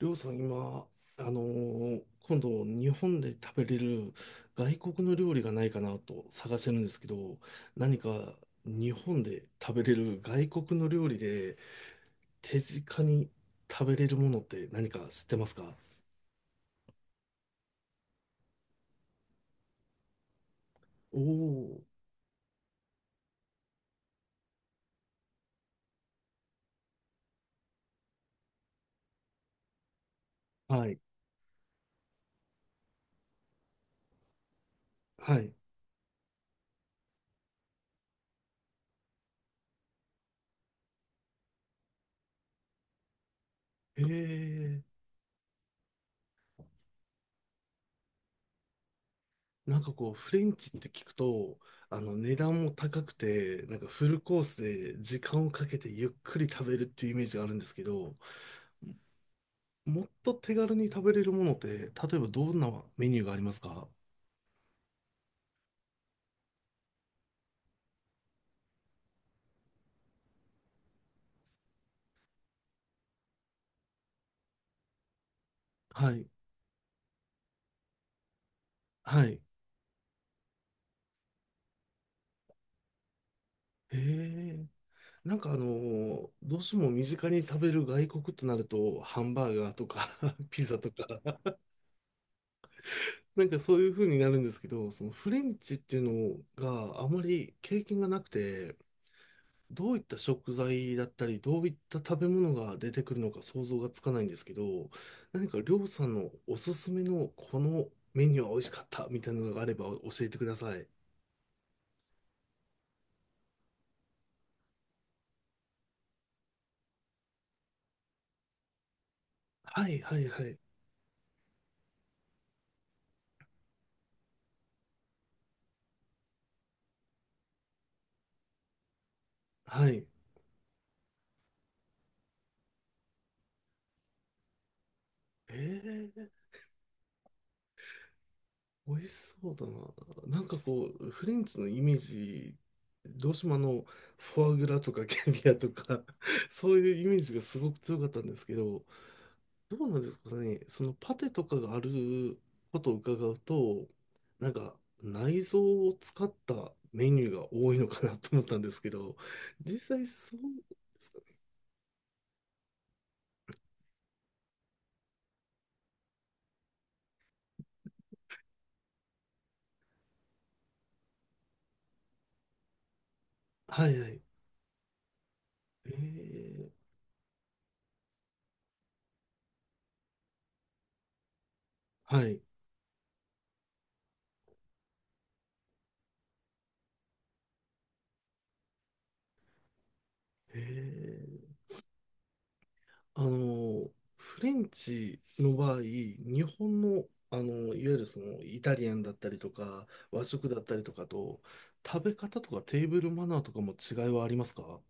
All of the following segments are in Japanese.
りょうさん、今、今度、日本で食べれる外国の料理がないかなと探してるんですけど、何か日本で食べれる外国の料理で手近に食べれるものって何か知ってますか？おお。ー、はい、はい。へえ。なんかこう、フレンチって聞くと、あの、値段も高くて、なんかフルコースで時間をかけてゆっくり食べるっていうイメージがあるんですけど、もっと手軽に食べれるものって、例えばどんなメニューがありますか？はい。はい。へえ。なんかどうしても身近に食べる外国となると、ハンバーガーとか ピザとか、なんかそういう風になるんですけど、そのフレンチっていうのがあまり経験がなくて、どういった食材だったり、どういった食べ物が出てくるのか想像がつかないんですけど、何かりょうさんのおすすめのこのメニューは美味しかったみたいなのがあれば教えてください。はいはいはい。はい。えー、美味しそうだな。なんかこう、フレンチのイメージ、どうしてもあの、フォアグラとかキャビアとか そういうイメージがすごく強かったんですけど、どうなんですかね、そのパテとかがあることを伺うと、なんか内臓を使ったメニューが多いのかなと思ったんですけど、実際そうですかね。はいはい。えー、はい。えーあの、フレンチの場合、日本の、あの、いわゆるそのイタリアンだったりとか、和食だったりとかと、食べ方とかテーブルマナーとかも違いはありますか？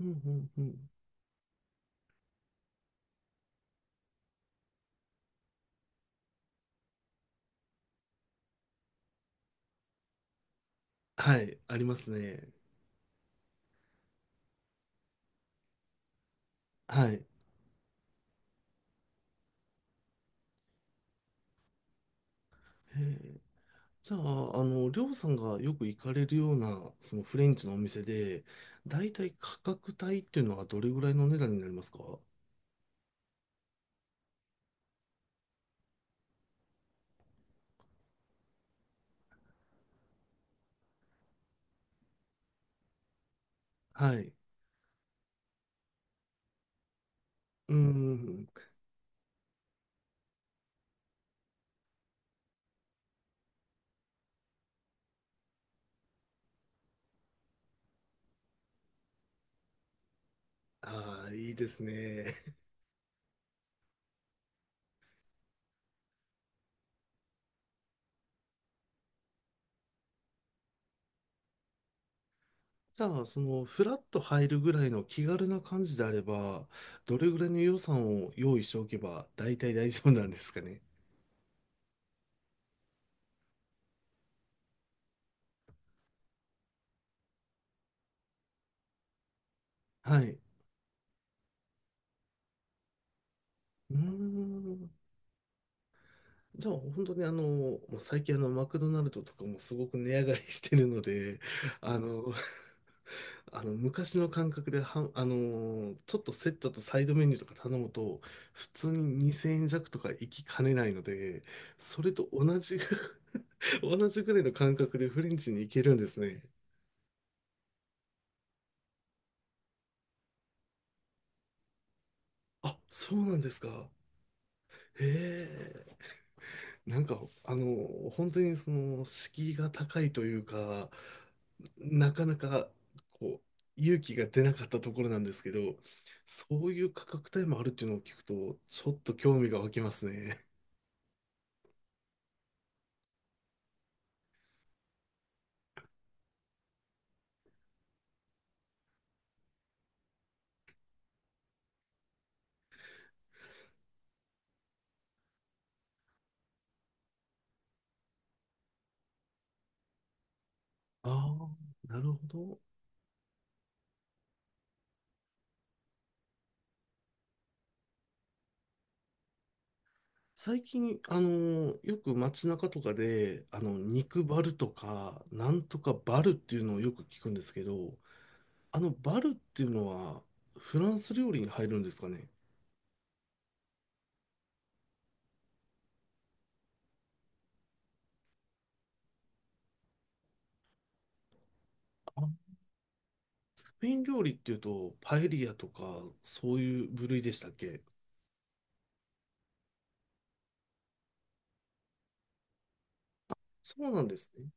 うんうんうん。はい、ありますね。はい。へえ。じゃあ、あの、りょうさんがよく行かれるような、そのフレンチのお店で、だいたい価格帯っていうのはどれぐらいの値段になりますか？はい。うんうん。ああ、いいですね。じゃあ、その、フラッと入るぐらいの気軽な感じであれば、どれぐらいの予算を用意しておけば、大体大丈夫なんですかね。はい。うーん。じゃあ、本当にあの、もう最近あの、マクドナルドとかもすごく値上がりしてるので、あの、あの昔の感覚では、ちょっとセットとサイドメニューとか頼むと、普通に2000円弱とか行きかねないので、それと同じぐ、同じぐらいの感覚でフレンチに行けるんですね。あ、そうなんですか。へえ。なんか、あの、本当にその、敷居が高いというか、なかなか、こう、勇気が出なかったところなんですけど、そういう価格帯もあるっていうのを聞くと、ちょっと興味が湧きますね。ああ、なるほど。最近、あの、よく街中とかで、あの、肉バルとか、なんとかバルっていうのをよく聞くんですけど、あの、バルっていうのは、フランス料理に入るんですかね？あ、スペイン料理っていうと、パエリアとか、そういう部類でしたっけ？そうなんですね。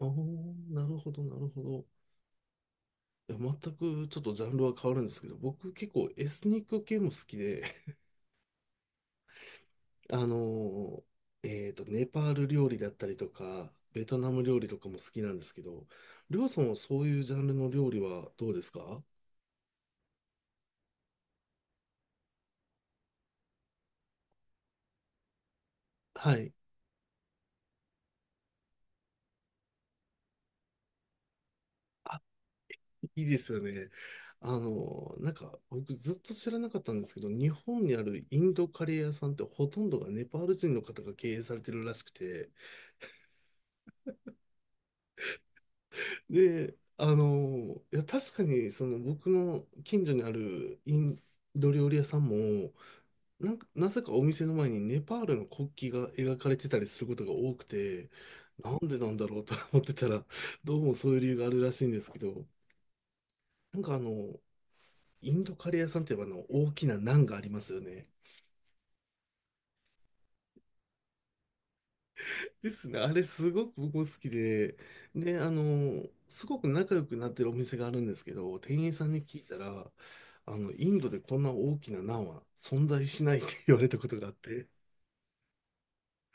おー、なるほど、なるほど。いや、全くちょっとジャンルは変わるんですけど、僕結構エスニック系も好きで、あのえっと、ネパール料理だったりとか、ベトナム料理とかも好きなんですけど、りょうさんはそういうジャンルの料理はどうですか？はい。いいですよね。あの、なんか、僕ずっと知らなかったんですけど、日本にあるインドカレー屋さんってほとんどがネパール人の方が経営されてるらしくて、で、あの、いや、確かに、その僕の近所にあるインド料理屋さんも、なんか、なぜかお店の前にネパールの国旗が描かれてたりすることが多くて、なんでなんだろうと思ってたら、どうもそういう理由があるらしいんですけど、なんかあの、インドカレー屋さんって言えばあの大きなナンがありますよね。ですね。あれすごく僕も好きで、で、あの、すごく仲良くなってるお店があるんですけど、店員さんに聞いたら、あの、インドでこんな大きなナンは存在しないって言われたことがあって、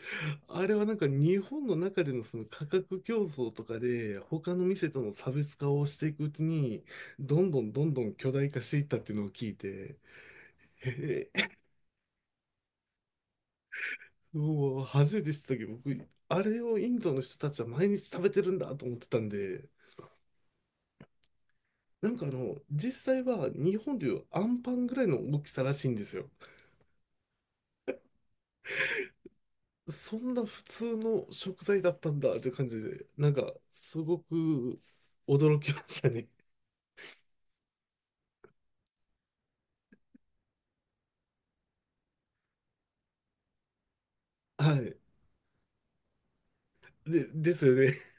あれはなんか日本の中でのその価格競争とかで、他の店との差別化をしていくうちに、どんどんどんどん巨大化していったっていうのを聞いて、へえ。もう初めて知ったけど、僕、あれをインドの人たちは毎日食べてるんだと思ってたんで、なんかあの、実際は日本でいうアンパンぐらいの大きさらしいんですよ。そんな普通の食材だったんだという感じで、なんかすごく驚きましたね。はい。で、ですよね。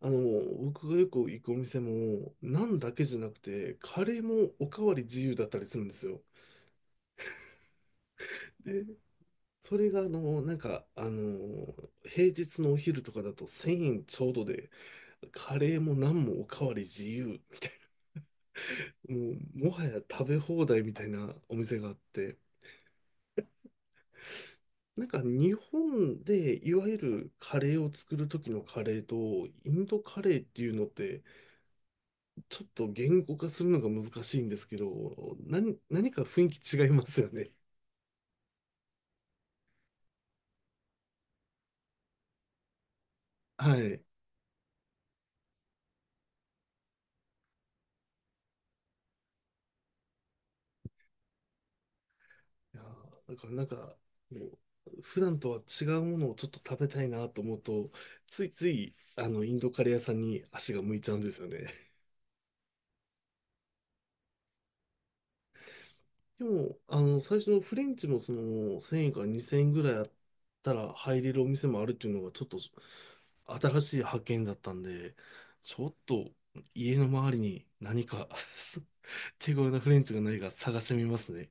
あの、僕がよく行くお店も、ナンだけじゃなくて、カレーもおかわり自由だったりするんですよ。で、それがあの、なんか、あの、平日のお昼とかだと1000円ちょうどで、カレーもナンもおかわり自由、もう、もはや食べ放題みたいなお店があって、なんか日本でいわゆるカレーを作る時のカレーと、インドカレーっていうのって、ちょっと言語化するのが難しいんですけど、何、何か雰囲気違いますよね。はい。いやー、だからなんか、もう普段とは違うものをちょっと食べたいなと思うと、ついつい、あの、インドカレー屋さんに足が向いちゃうんですよね。でも、あの、最初のフレンチもその、1000円から2000円ぐらいあったら入れるお店もあるっていうのが、ちょっと新しい発見だったんで、ちょっと家の周りに何か 手頃なフレンチがないか探してみますね。